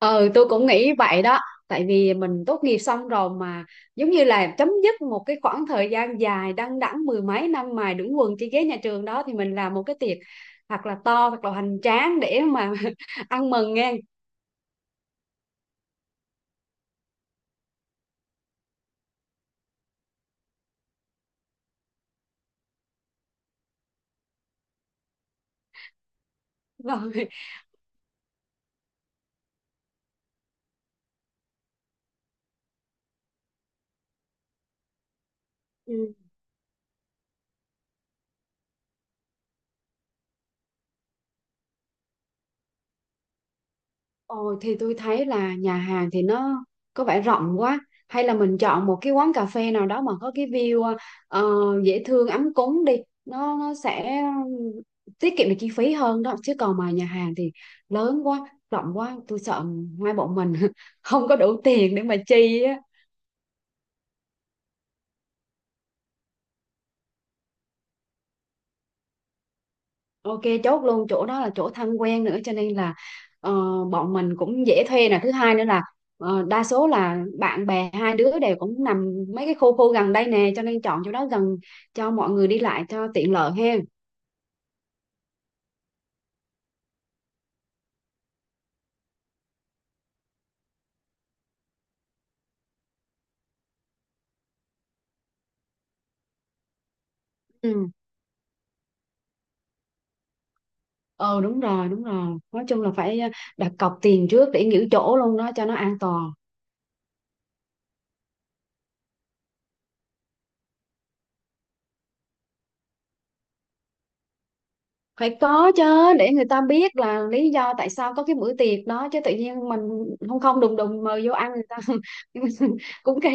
Ừ, tôi cũng nghĩ vậy đó. Tại vì mình tốt nghiệp xong rồi mà giống như là chấm dứt một cái khoảng thời gian dài đăng đẵng mười mấy năm mài đũng quần trên ghế nhà trường đó thì mình làm một cái tiệc thật là to, thật là hoành tráng để mà ăn mừng nghe. Rồi. Ừ. Ồ, thì tôi thấy là nhà hàng thì nó có vẻ rộng quá, hay là mình chọn một cái quán cà phê nào đó mà có cái view ờ, dễ thương, ấm cúng đi. Nó sẽ tiết kiệm được chi phí hơn đó chứ còn mà nhà hàng thì lớn quá, rộng quá, tôi sợ hai bọn mình không có đủ tiền để mà chi á. Ok, chốt luôn chỗ đó là chỗ thân quen nữa cho nên là ờ, bọn mình cũng dễ thuê nè, thứ hai nữa là đa số là bạn bè hai đứa đều cũng nằm mấy cái khu khu gần đây nè, cho nên chọn chỗ đó gần cho mọi người đi lại cho tiện lợi hen. Ừ. ờ Đúng rồi, đúng rồi, nói chung là phải đặt cọc tiền trước để nghỉ chỗ luôn đó cho nó an toàn. Phải có chứ, để người ta biết là lý do tại sao có cái bữa tiệc đó chứ tự nhiên mình không không đùng đùng mời vô ăn người ta cũng kỳ.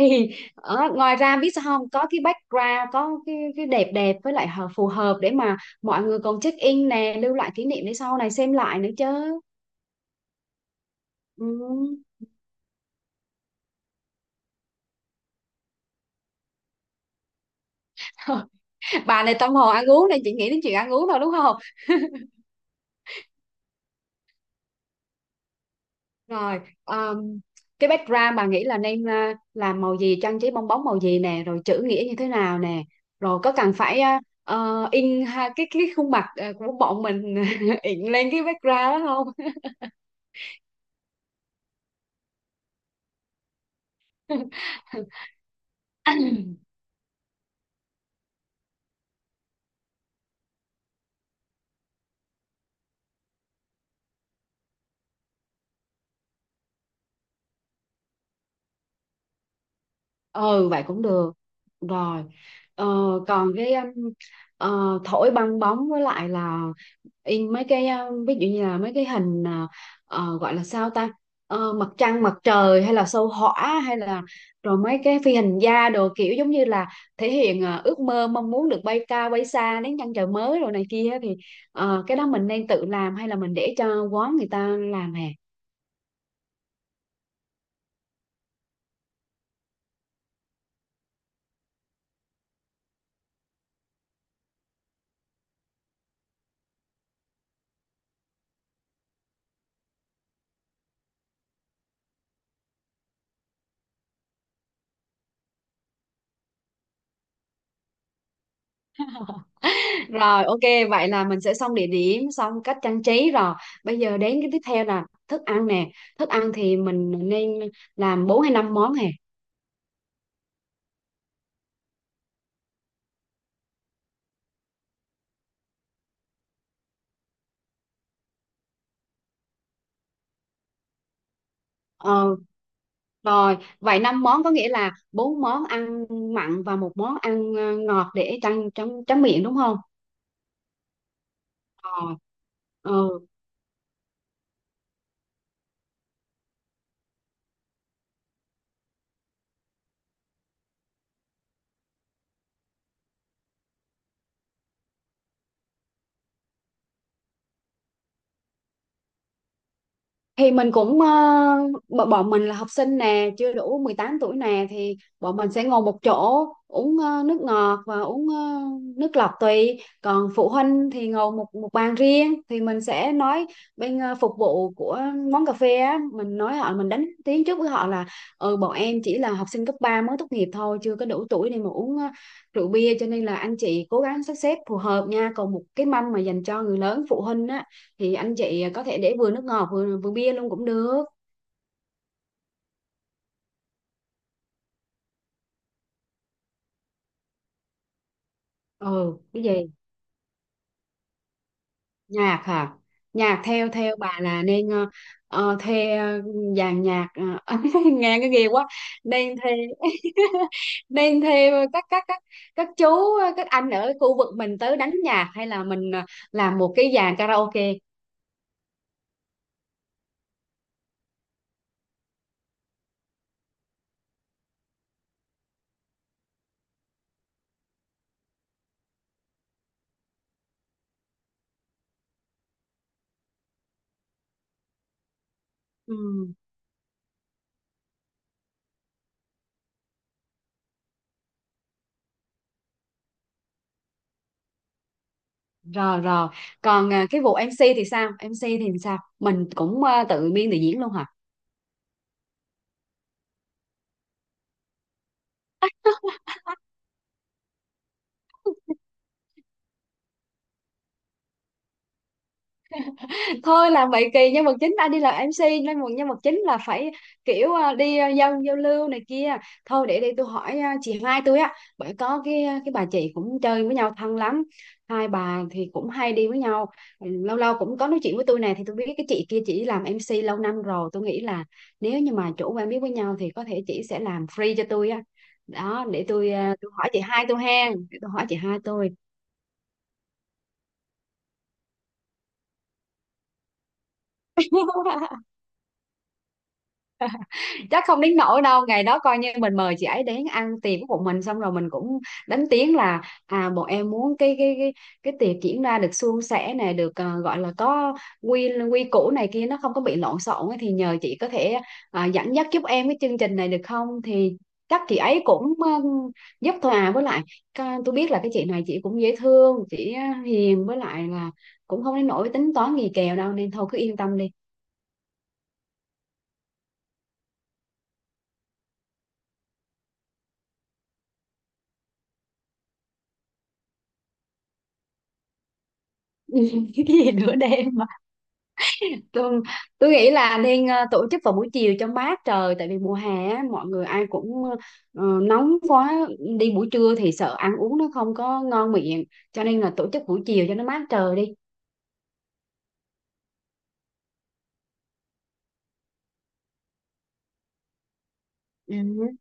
Ờ, ngoài ra biết sao không, có cái background, có cái đẹp đẹp với lại phù hợp để mà mọi người còn check in nè, lưu lại kỷ niệm để sau này xem lại nữa chứ. Ừ. Bà này tâm hồn ăn uống này, chị nghĩ đến chuyện ăn uống thôi, đúng không? Rồi, um, cái background bà nghĩ là nên làm màu gì, trang trí bong bóng màu gì nè, rồi chữ nghĩa như thế nào nè, rồi có cần phải in ha, cái khuôn mặt của bọn mình in lên cái background đó không? Ừ vậy cũng được. Rồi. ờ, Còn cái thổi bong bóng với lại là in mấy cái ví dụ như là mấy cái hình gọi là sao ta. Ờ, mặt trăng, mặt trời hay là sao hỏa hay là rồi mấy cái phi hành gia đồ kiểu giống như là thể hiện ước mơ mong muốn được bay cao bay xa đến chân trời mới rồi này kia thì cái đó mình nên tự làm hay là mình để cho quán người ta làm hè. Rồi ok, vậy là mình sẽ xong địa điểm, xong cách trang trí rồi. Bây giờ đến cái tiếp theo là thức ăn nè. Thức ăn thì mình nên làm bốn hay năm món hè. Ờ, rồi, vậy năm món có nghĩa là bốn món ăn mặn và một món ăn ngọt để trăng trắng tráng miệng, đúng không? Rồi. Thì mình cũng bọn mình là học sinh nè, chưa đủ 18 tuổi nè, thì bọn mình sẽ ngồi một chỗ uống nước ngọt và uống nước lọc tùy, còn phụ huynh thì ngồi một một bàn riêng thì mình sẽ nói bên phục vụ của món cà phê á, mình nói họ mình đánh tiếng trước với họ là ừ, bọn em chỉ là học sinh cấp 3 mới tốt nghiệp thôi, chưa có đủ tuổi để mà uống rượu bia cho nên là anh chị cố gắng sắp xếp phù hợp nha, còn một cái mâm mà dành cho người lớn phụ huynh á thì anh chị có thể để vừa nước ngọt, vừa vừa bia luôn cũng được. Ừ, cái gì? Nhạc hả? Nhạc theo theo bà là nên thuê dàn nhạc. ờ, Nghe cái ghê quá. Nên thuê nên thuê các chú, các anh ở khu vực mình tới đánh nhạc, hay là mình làm một cái dàn karaoke. Ừ, rồi rồi, còn cái vụ MC thì sao? MC thì sao, mình cũng tự biên tự diễn luôn hả? Thôi làm vậy kỳ, nhân vật chính ai đi làm MC, nên một nhân vật chính là phải kiểu đi giao giao lưu này kia. Thôi để đi tôi hỏi chị Mai tôi á, bởi có cái bà chị cũng chơi với nhau thân lắm, hai bà thì cũng hay đi với nhau. Ừ, lâu lâu cũng có nói chuyện với tôi này thì tôi biết cái chị kia chỉ làm MC lâu năm rồi, tôi nghĩ là nếu như mà chủ quen biết với nhau thì có thể chị sẽ làm free cho tôi á. Đó, để tôi hỏi chị hai tôi hen, để tôi hỏi chị hai tôi. Chắc không đến nỗi đâu, ngày đó coi như mình mời chị ấy đến ăn tiệc của bọn mình xong rồi mình cũng đánh tiếng là à bọn em muốn cái tiệc diễn ra được suôn sẻ này, được gọi là có quy quy củ này kia, nó không có bị lộn xộn ấy, thì nhờ chị có thể dẫn dắt giúp em cái chương trình này được không, thì chắc chị ấy cũng giúp thôi à. Với lại tôi biết là cái chị này chị cũng dễ thương, chị hiền với lại là cũng không đến nỗi tính toán gì kèo đâu, nên thôi cứ yên tâm đi. Cái gì nửa đêm? tôi, tôi nghĩ là nên tổ chức vào buổi chiều cho mát trời, tại vì mùa hè á, mọi người ai cũng nóng quá, đi buổi trưa thì sợ ăn uống nó không có ngon miệng, cho nên là tổ chức buổi chiều cho nó mát trời đi. Ừ.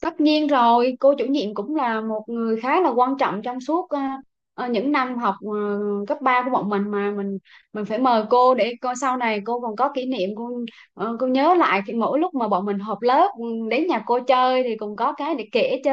Tất nhiên rồi, cô chủ nhiệm cũng là một người khá là quan trọng trong suốt những năm học cấp 3 của bọn mình, mà mình phải mời cô để coi sau này cô còn có kỷ niệm, cô nhớ lại khi mỗi lúc mà bọn mình họp lớp, ừ, đến nhà cô chơi thì cũng có cái để kể chứ.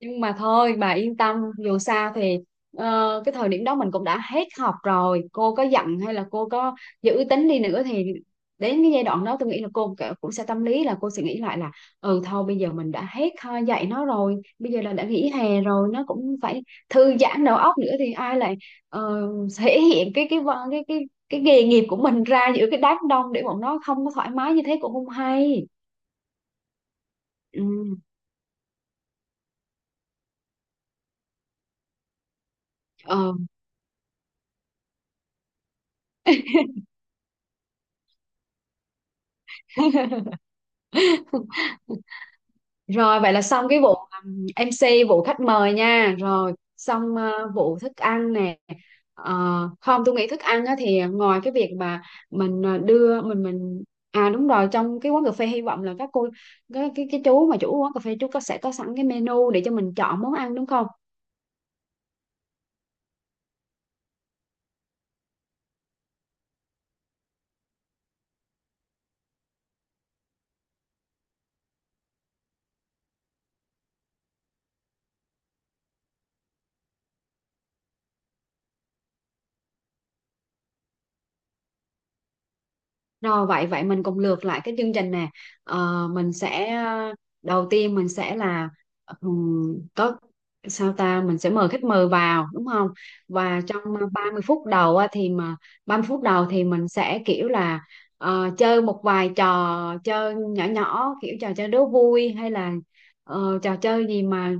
Nhưng mà thôi bà yên tâm, dù sao thì cái thời điểm đó mình cũng đã hết học rồi, cô có giận hay là cô có giữ tính đi nữa thì đến cái giai đoạn đó tôi nghĩ là cô cũng sẽ tâm lý, là cô sẽ nghĩ lại là ừ thôi bây giờ mình đã hết dạy nó rồi, bây giờ là đã nghỉ hè rồi, nó cũng phải thư giãn đầu óc nữa thì ai lại ờ, thể hiện cái vợ- cái nghề nghiệp của mình ra giữa cái đám đông để bọn nó không có thoải mái như thế cũng không hay. Ừ. Ờ. Rồi vậy là xong cái vụ MC, vụ khách mời nha. Rồi xong vụ thức ăn nè. Ờ, không tôi nghĩ thức ăn á, thì ngoài cái việc mà mình đưa mình à đúng rồi, trong cái quán cà phê hy vọng là các cô cái chú mà chủ quán cà phê chú sẽ có sẵn cái menu để cho mình chọn món ăn, đúng không? Rồi vậy vậy mình cùng lược lại cái chương trình nè. Ờ, mình sẽ đầu tiên mình sẽ là ừm, có sao ta, mình sẽ mời khách mời vào, đúng không? Và trong 30 phút đầu á, thì mà 30 phút đầu thì mình sẽ kiểu là chơi một vài trò chơi nhỏ nhỏ, kiểu trò chơi đố vui hay là trò chơi gì mà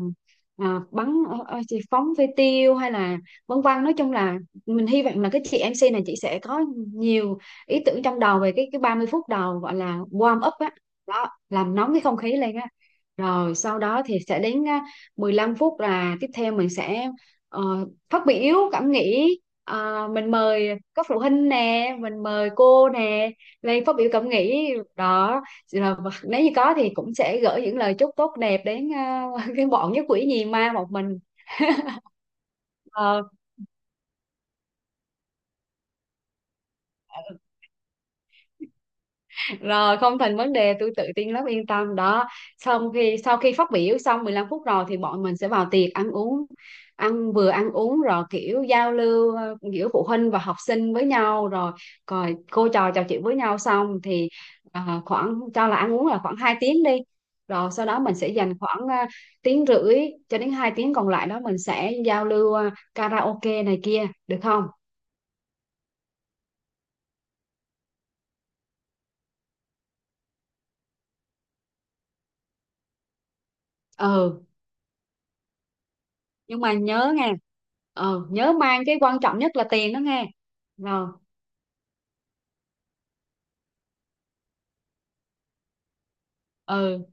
bắn gì phóng phi tiêu hay là vân vân, nói chung là mình hy vọng là cái chị em MC này chị sẽ có nhiều ý tưởng trong đầu về cái 30 phút đầu gọi là warm up á, đó làm nóng cái không khí lên á. Rồi sau đó thì sẽ đến 15 phút là tiếp theo, mình sẽ ờ, phát biểu cảm nghĩ. Ờ, mình mời các phụ huynh nè, mình mời cô nè lên phát biểu cảm nghĩ đó, rồi nếu như có thì cũng sẽ gửi những lời chúc tốt đẹp đến cái bọn nhất quỷ nhì ma một mình. Ờ, rồi không thành vấn đề, tôi tự tin lắm, yên tâm đó. Xong khi sau khi phát biểu xong 15 phút rồi thì bọn mình sẽ vào tiệc ăn uống, ăn vừa ăn uống rồi kiểu giao lưu giữa phụ huynh và học sinh với nhau, rồi rồi cô trò trò chuyện với nhau xong thì khoảng cho là ăn uống là khoảng 2 tiếng đi. Rồi sau đó mình sẽ dành khoảng tiếng rưỡi cho đến 2 tiếng còn lại đó, mình sẽ giao lưu karaoke này kia được không? Ừ, nhưng mà nhớ nghe, nhớ mang cái quan trọng nhất là tiền đó nghe. Rồi. Ừ.